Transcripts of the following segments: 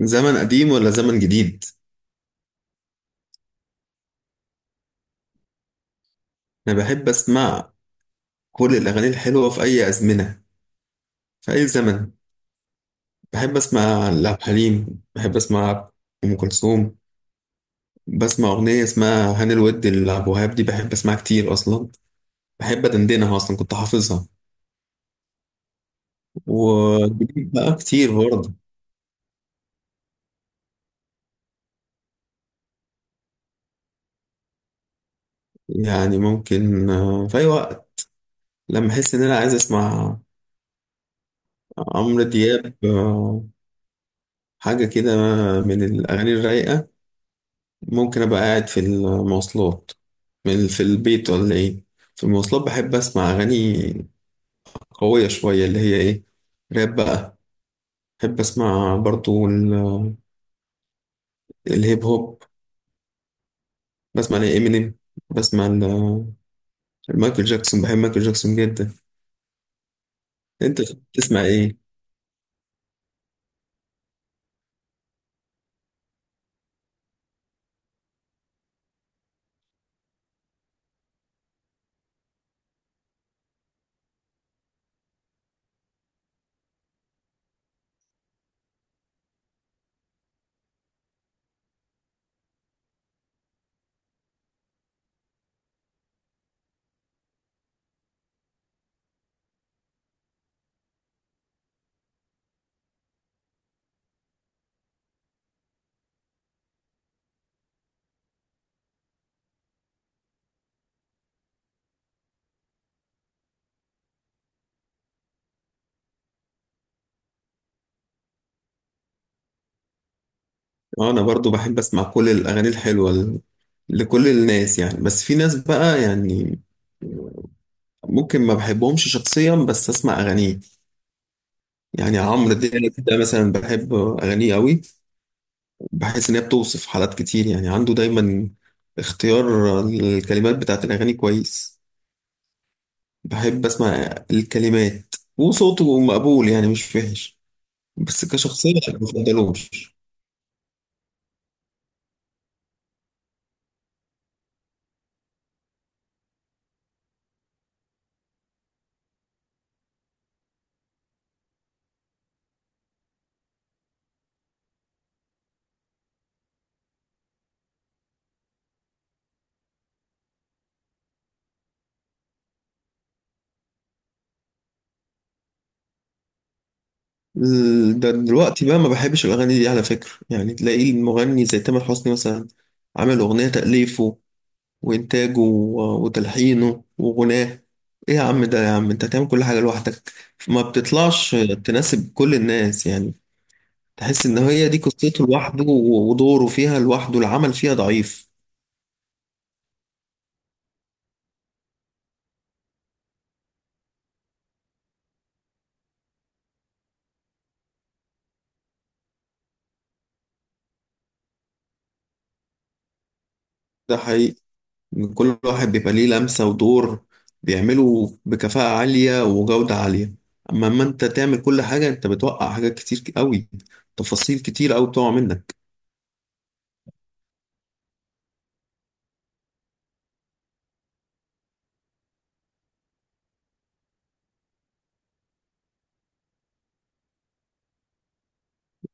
زمن قديم ولا زمن جديد؟ انا بحب اسمع كل الاغاني الحلوه في اي ازمنه، في اي زمن. بحب اسمع لعبد الحليم، بحب اسمع ام كلثوم. بسمع اغنيه اسمها هاني الود لعبد الوهاب، دي بحب اسمعها كتير اصلا، بحب ادندنها اصلا، كنت حافظها. وجديد بقى كتير برضه. يعني ممكن في اي وقت لما احس ان انا عايز اسمع. عمرو دياب حاجه كده من الاغاني الرايقه. ممكن ابقى قاعد في المواصلات، في البيت ولا ايه. في المواصلات بحب اسمع اغاني قوية شوية، اللي هي ايه، راب بقى. بحب اسمع برضو الهيب هوب. بسمع لإمينيم، بسمع لمايكل جاكسون. بحب مايكل جاكسون جدا. انت بتسمع ايه؟ انا برضو بحب اسمع كل الاغاني الحلوة لكل الناس يعني. بس في ناس بقى يعني ممكن ما بحبهمش شخصيا بس اسمع اغانيهم. يعني عمرو دياب ده مثلا بحب أغانيه قوي. بحس إن هي بتوصف حالات كتير، يعني عنده دايما اختيار الكلمات بتاعت الأغاني كويس. بحب أسمع الكلمات، وصوته مقبول يعني مش وحش، بس كشخصية ما بفضلوش. ده دلوقتي بقى ما بحبش الأغاني دي على فكرة. يعني تلاقي المغني زي تامر حسني مثلا عامل أغنية تأليفه وإنتاجه وتلحينه وغناه. إيه يا عم، ده يا عم أنت تعمل كل حاجة لوحدك؟ ما بتطلعش تناسب كل الناس يعني. تحس إن هي دي قصته لوحده ودوره فيها لوحده، العمل فيها ضعيف. ده حقيقي، إن كل واحد بيبقى ليه لمسة ودور بيعمله بكفاءة عالية وجودة عالية. أما أنت تعمل كل حاجة، أنت بتوقع حاجات كتير قوي، تفاصيل كتير قوي بتقع منك.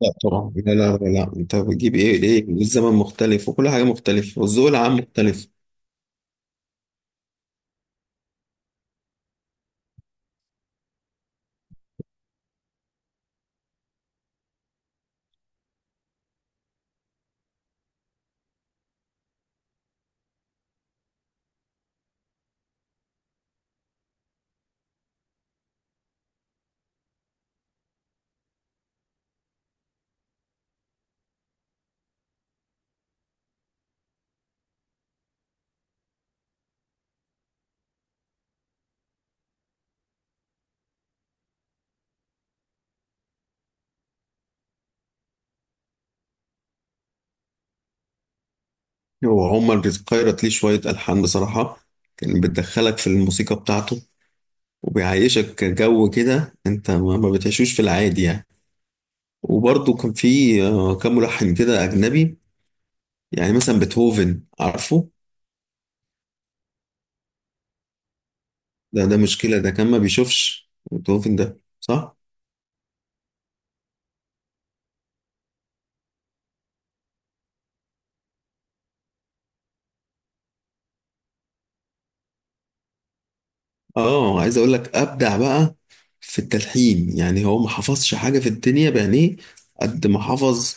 لا طبعا، لا لا لا لا. انت بتجيب ايه؟ ليه الزمن مختلف وكل حاجه مختلفه والذوق العام مختلف. وعمر بيقيرت ليه شويه الحان بصراحه، كان بتدخلك في الموسيقى بتاعته وبيعيشك جو كده انت ما بتعيشوش في العادي يعني. وبرضه كان في كام ملحن كده اجنبي، يعني مثلا بيتهوفن عارفه. ده مشكله، ده كان ما بيشوفش، بيتهوفن ده صح. اه عايز اقول لك ابدع بقى في التلحين، يعني هو ما حفظش حاجه في الدنيا بعينيه قد ما حفظ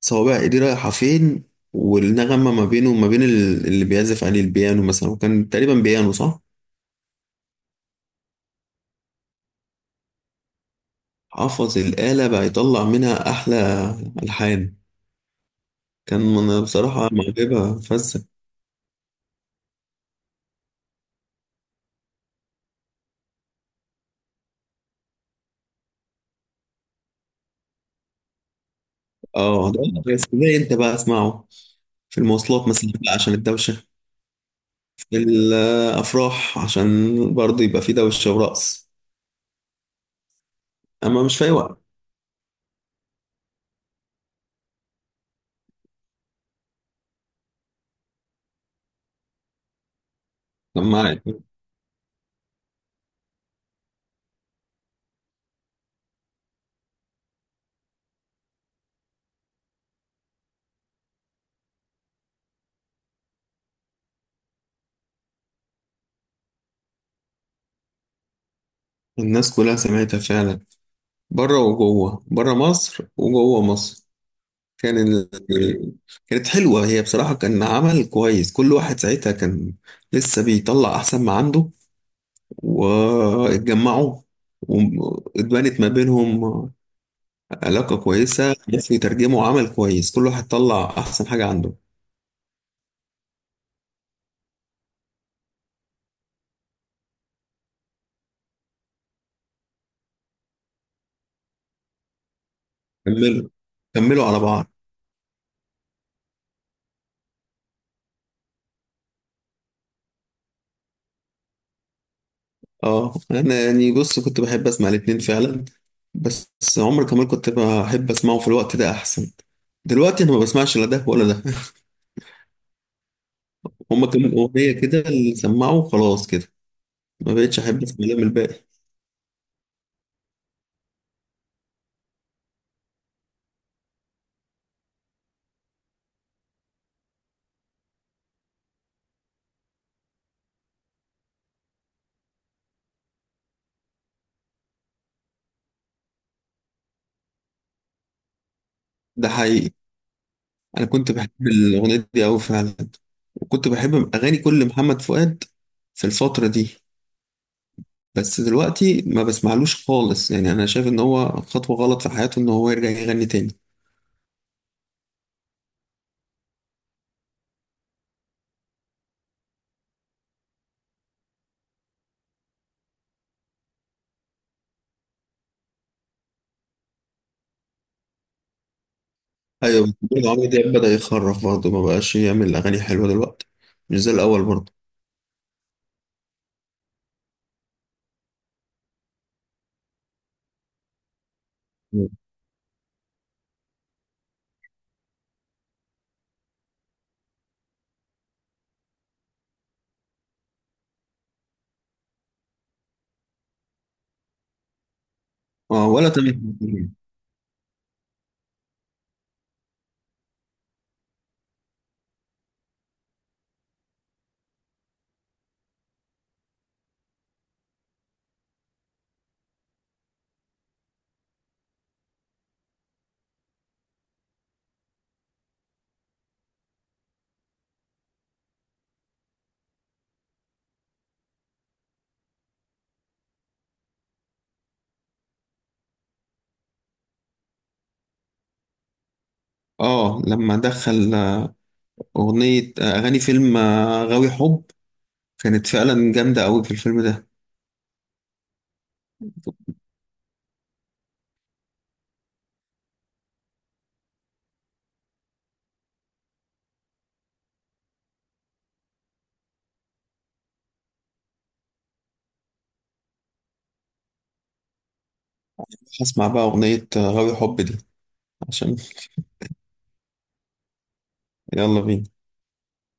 صوابع ايديه رايحه فين، والنغمه ما بينه وما بين اللي بيعزف عليه البيانو مثلا، وكان تقريبا بيانو صح. حفظ الاله بقى يطلع منها احلى الحان. كان انا بصراحه معجبه فزه. اه ده، بس ده انت بقى اسمعه في المواصلات مثلا بقى عشان الدوشه، في الافراح عشان برضه يبقى في دوشه ورقص، اما مش في اي وقت. سماعة الناس كلها سمعتها فعلا، بره وجوه، بره مصر وجوه مصر. كان ال... كانت حلوة هي بصراحة، كان عمل كويس، كل واحد ساعتها كان لسه بيطلع أحسن ما عنده، واتجمعوا، واتبنت ما بينهم علاقة كويسة، بس يترجموا عمل كويس، كل واحد طلع أحسن حاجة عنده. كملوا كملوا على بعض. اه انا يعني بص كنت بحب اسمع الاتنين فعلا. بس عمر كمال كنت بحب اسمعه في الوقت ده احسن. دلوقتي انا ما بسمعش لا ده ولا ده. هما كام اغنيه كده اللي سمعوا، خلاص كده ما بقتش احب اسمع لهم الباقي. ده حقيقي، انا كنت بحب الاغنيه دي قوي فعلا، وكنت بحب اغاني كل محمد فؤاد في الفتره دي. بس دلوقتي ما بسمعلوش خالص، يعني انا شايف ان هو خطوه غلط في حياته ان هو يرجع يغني تاني. ايوه، محمود عمرو دياب بدأ يخرف برضه، ما بقاش يعمل اغاني حلوه دلوقتي، مش زي الاول برضه. اه، ولا تامر حسني. اه لما دخل اغنيه، اغاني فيلم غاوي حب، كانت فعلا جامده قوي في الفيلم ده. هسمع بقى اغنيه غاوي حب دي عشان. يلا بينا.